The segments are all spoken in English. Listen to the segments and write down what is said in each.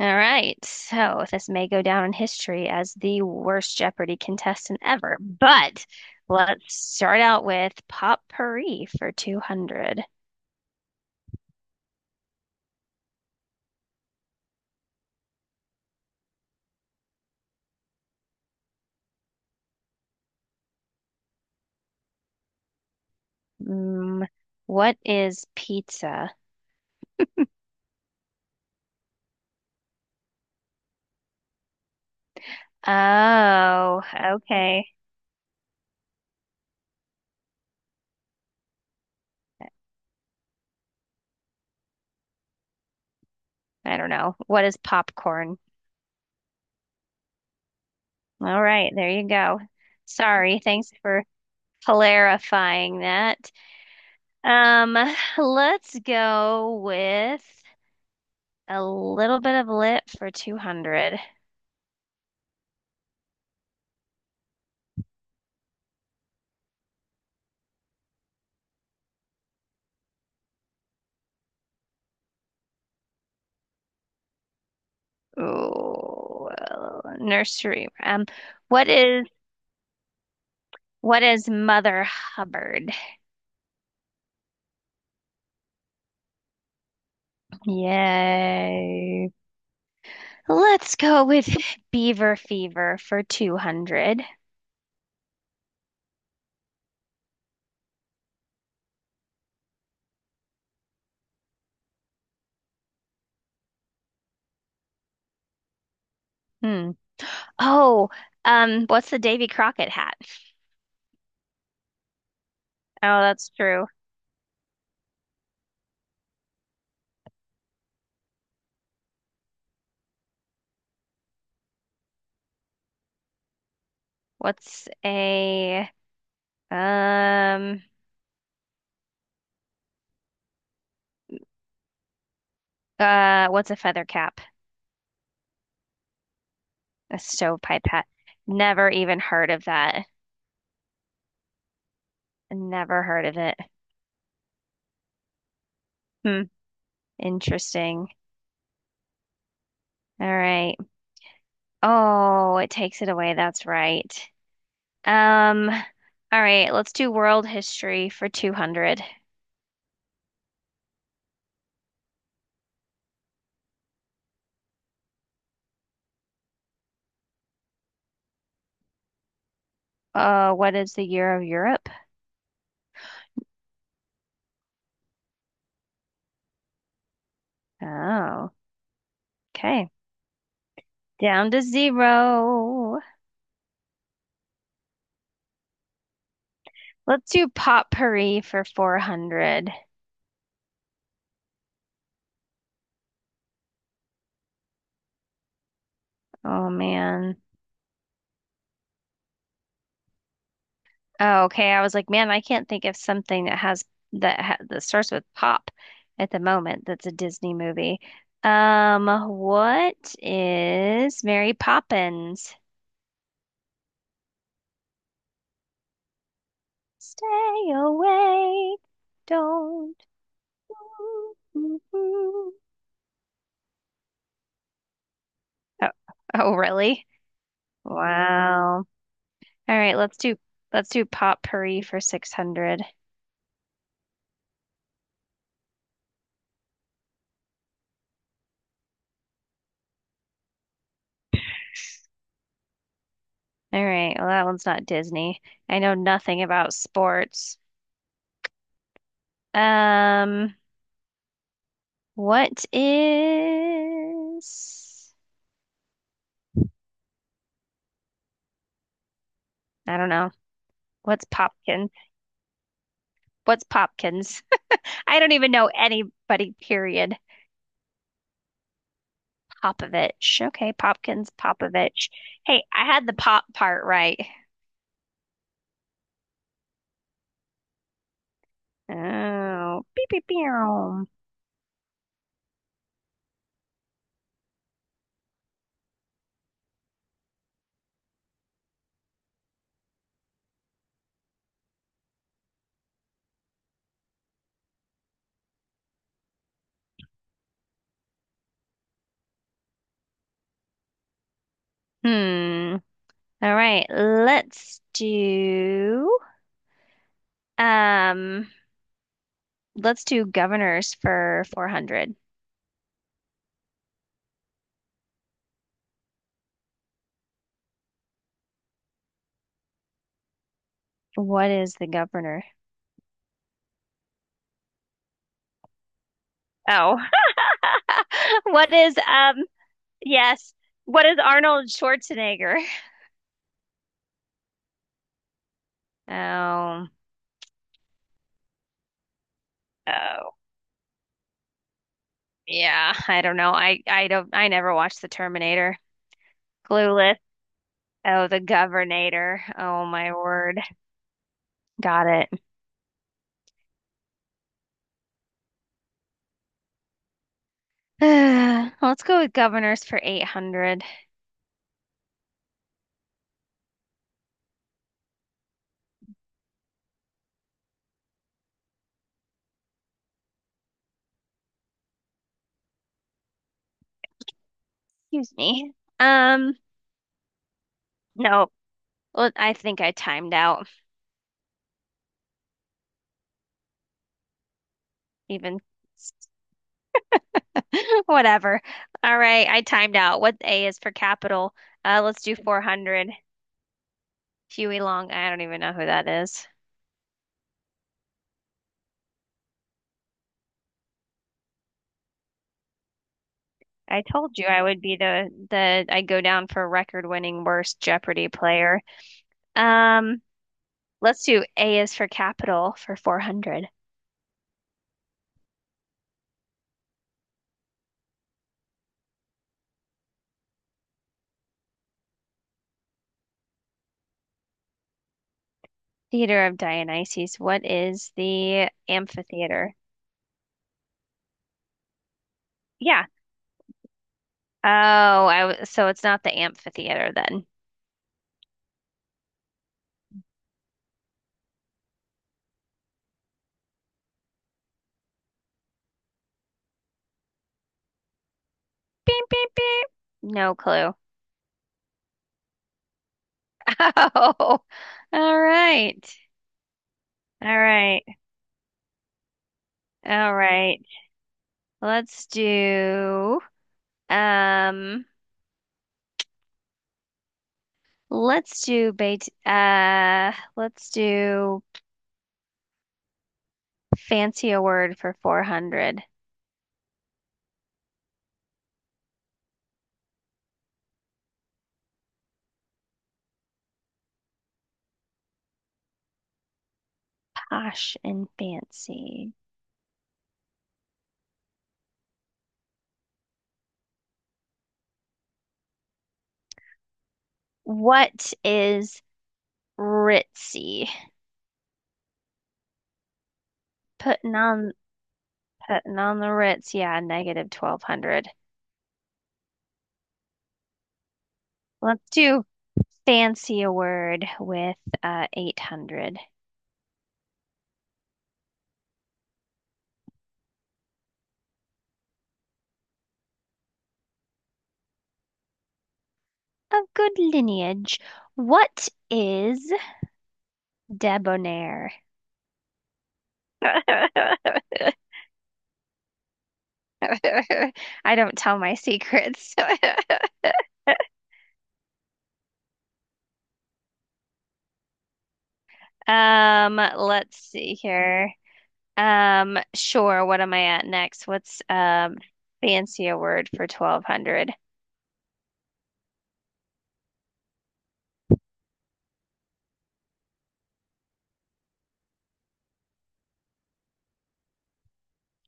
All right, so this may go down in history as the worst Jeopardy contestant ever, but let's start out with potpourri for 200. Mm, what is pizza? Oh, okay. I don't know. What is popcorn? All right, there you go. Sorry, thanks for clarifying that. Um, let's go with a little bit of lit for 200. Oh, well, nursery rhyme. What is what is Mother Hubbard? Yay. Let's go with Beaver Fever for 200. Hmm. Oh, what's the Davy Crockett hat? Oh, that's true. What's a um what's a feather cap? A stovepipe hat. Never even heard of that. Never heard of it. Hmm. Interesting. All right. Oh, it takes it away. That's right. Um, all right, let's do world history for 200. What is the year of Europe? Oh, okay. Down to zero. Let's do potpourri for 400. Oh man. Oh, okay. I was like, man, I can't think of something that has that starts with pop at the moment. That's a Disney movie. What is Mary Poppins? Stay awake. Don't. Oh, oh, really? Wow. All right, let's do Potpourri for 600. All right, well that one's not Disney. I know nothing about sports. Um, what is I don't know. What's Popkin? What's Popkins? I don't even know anybody, period. Popovich. Okay, Popkins, Popovich. Hey, I had the pop part right. Oh, beep, beep, beow. Hmm. All right, um let's do governors for 400. What is the governor? Oh. What is, yes. What is Arnold Schwarzenegger? Oh. Oh. Yeah, I don't know. I never watched The Terminator. Clueless. Oh, the governor. Oh my word. Got it. Let's go with governors for 800. Excuse me. Um, no. Well, I think I timed out. Even whatever. All right, I timed out. What A is for capital? Let's do 400. Huey Long. I don't even know who that is. I told you I would be the I go down for record-winning worst Jeopardy player. Um, let's do A is for capital for 400. Theater of Dionysus. What is the amphitheater? Yeah. Oh, I w so it's not the amphitheater then. Beep, beep, beep. No clue. Oh, all right. All right. All right. Let's do um let's do bait let's do fancy a word for 400. Posh and fancy. What is ritzy? Putting on Putting on the Ritz, yeah, negative 1200. Let's do fancy a word with 800. A good lineage. What is debonair? I don't tell my secrets. Let's see here. Sure, what am I at next? What's fancy a word for 1200?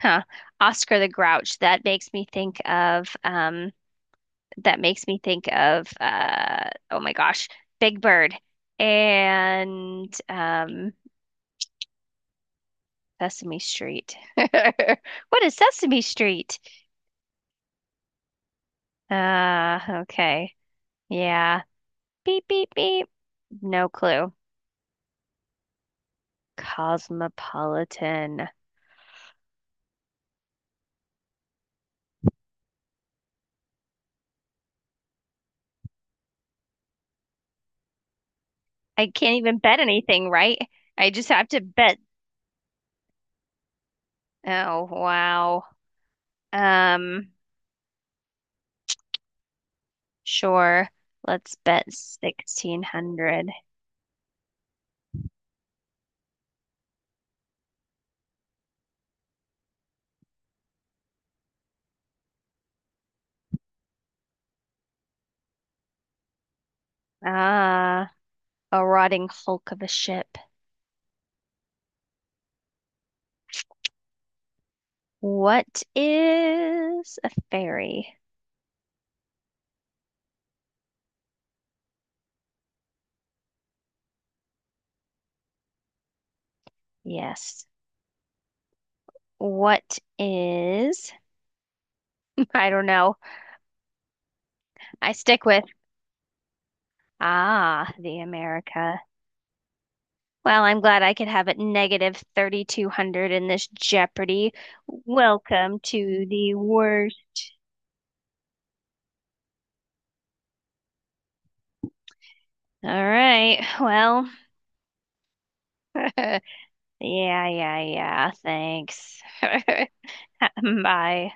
Huh. Oscar the Grouch. That makes me think of that makes me think of uh oh my gosh, Big Bird and Sesame Street. What is Sesame Street? Okay. Yeah. Beep beep beep. No clue. Cosmopolitan. I can't even bet anything, right? I just have to bet. Oh wow. Um sure. Let's bet 1600. Ah, a rotting hulk of a ship. What is a fairy? Yes. What is? I don't know. I stick with ah, the America. Well, I'm glad I could have it negative 3,200 in this Jeopardy. Welcome to the worst. All right. Well, yeah, yeah. Thanks. Bye.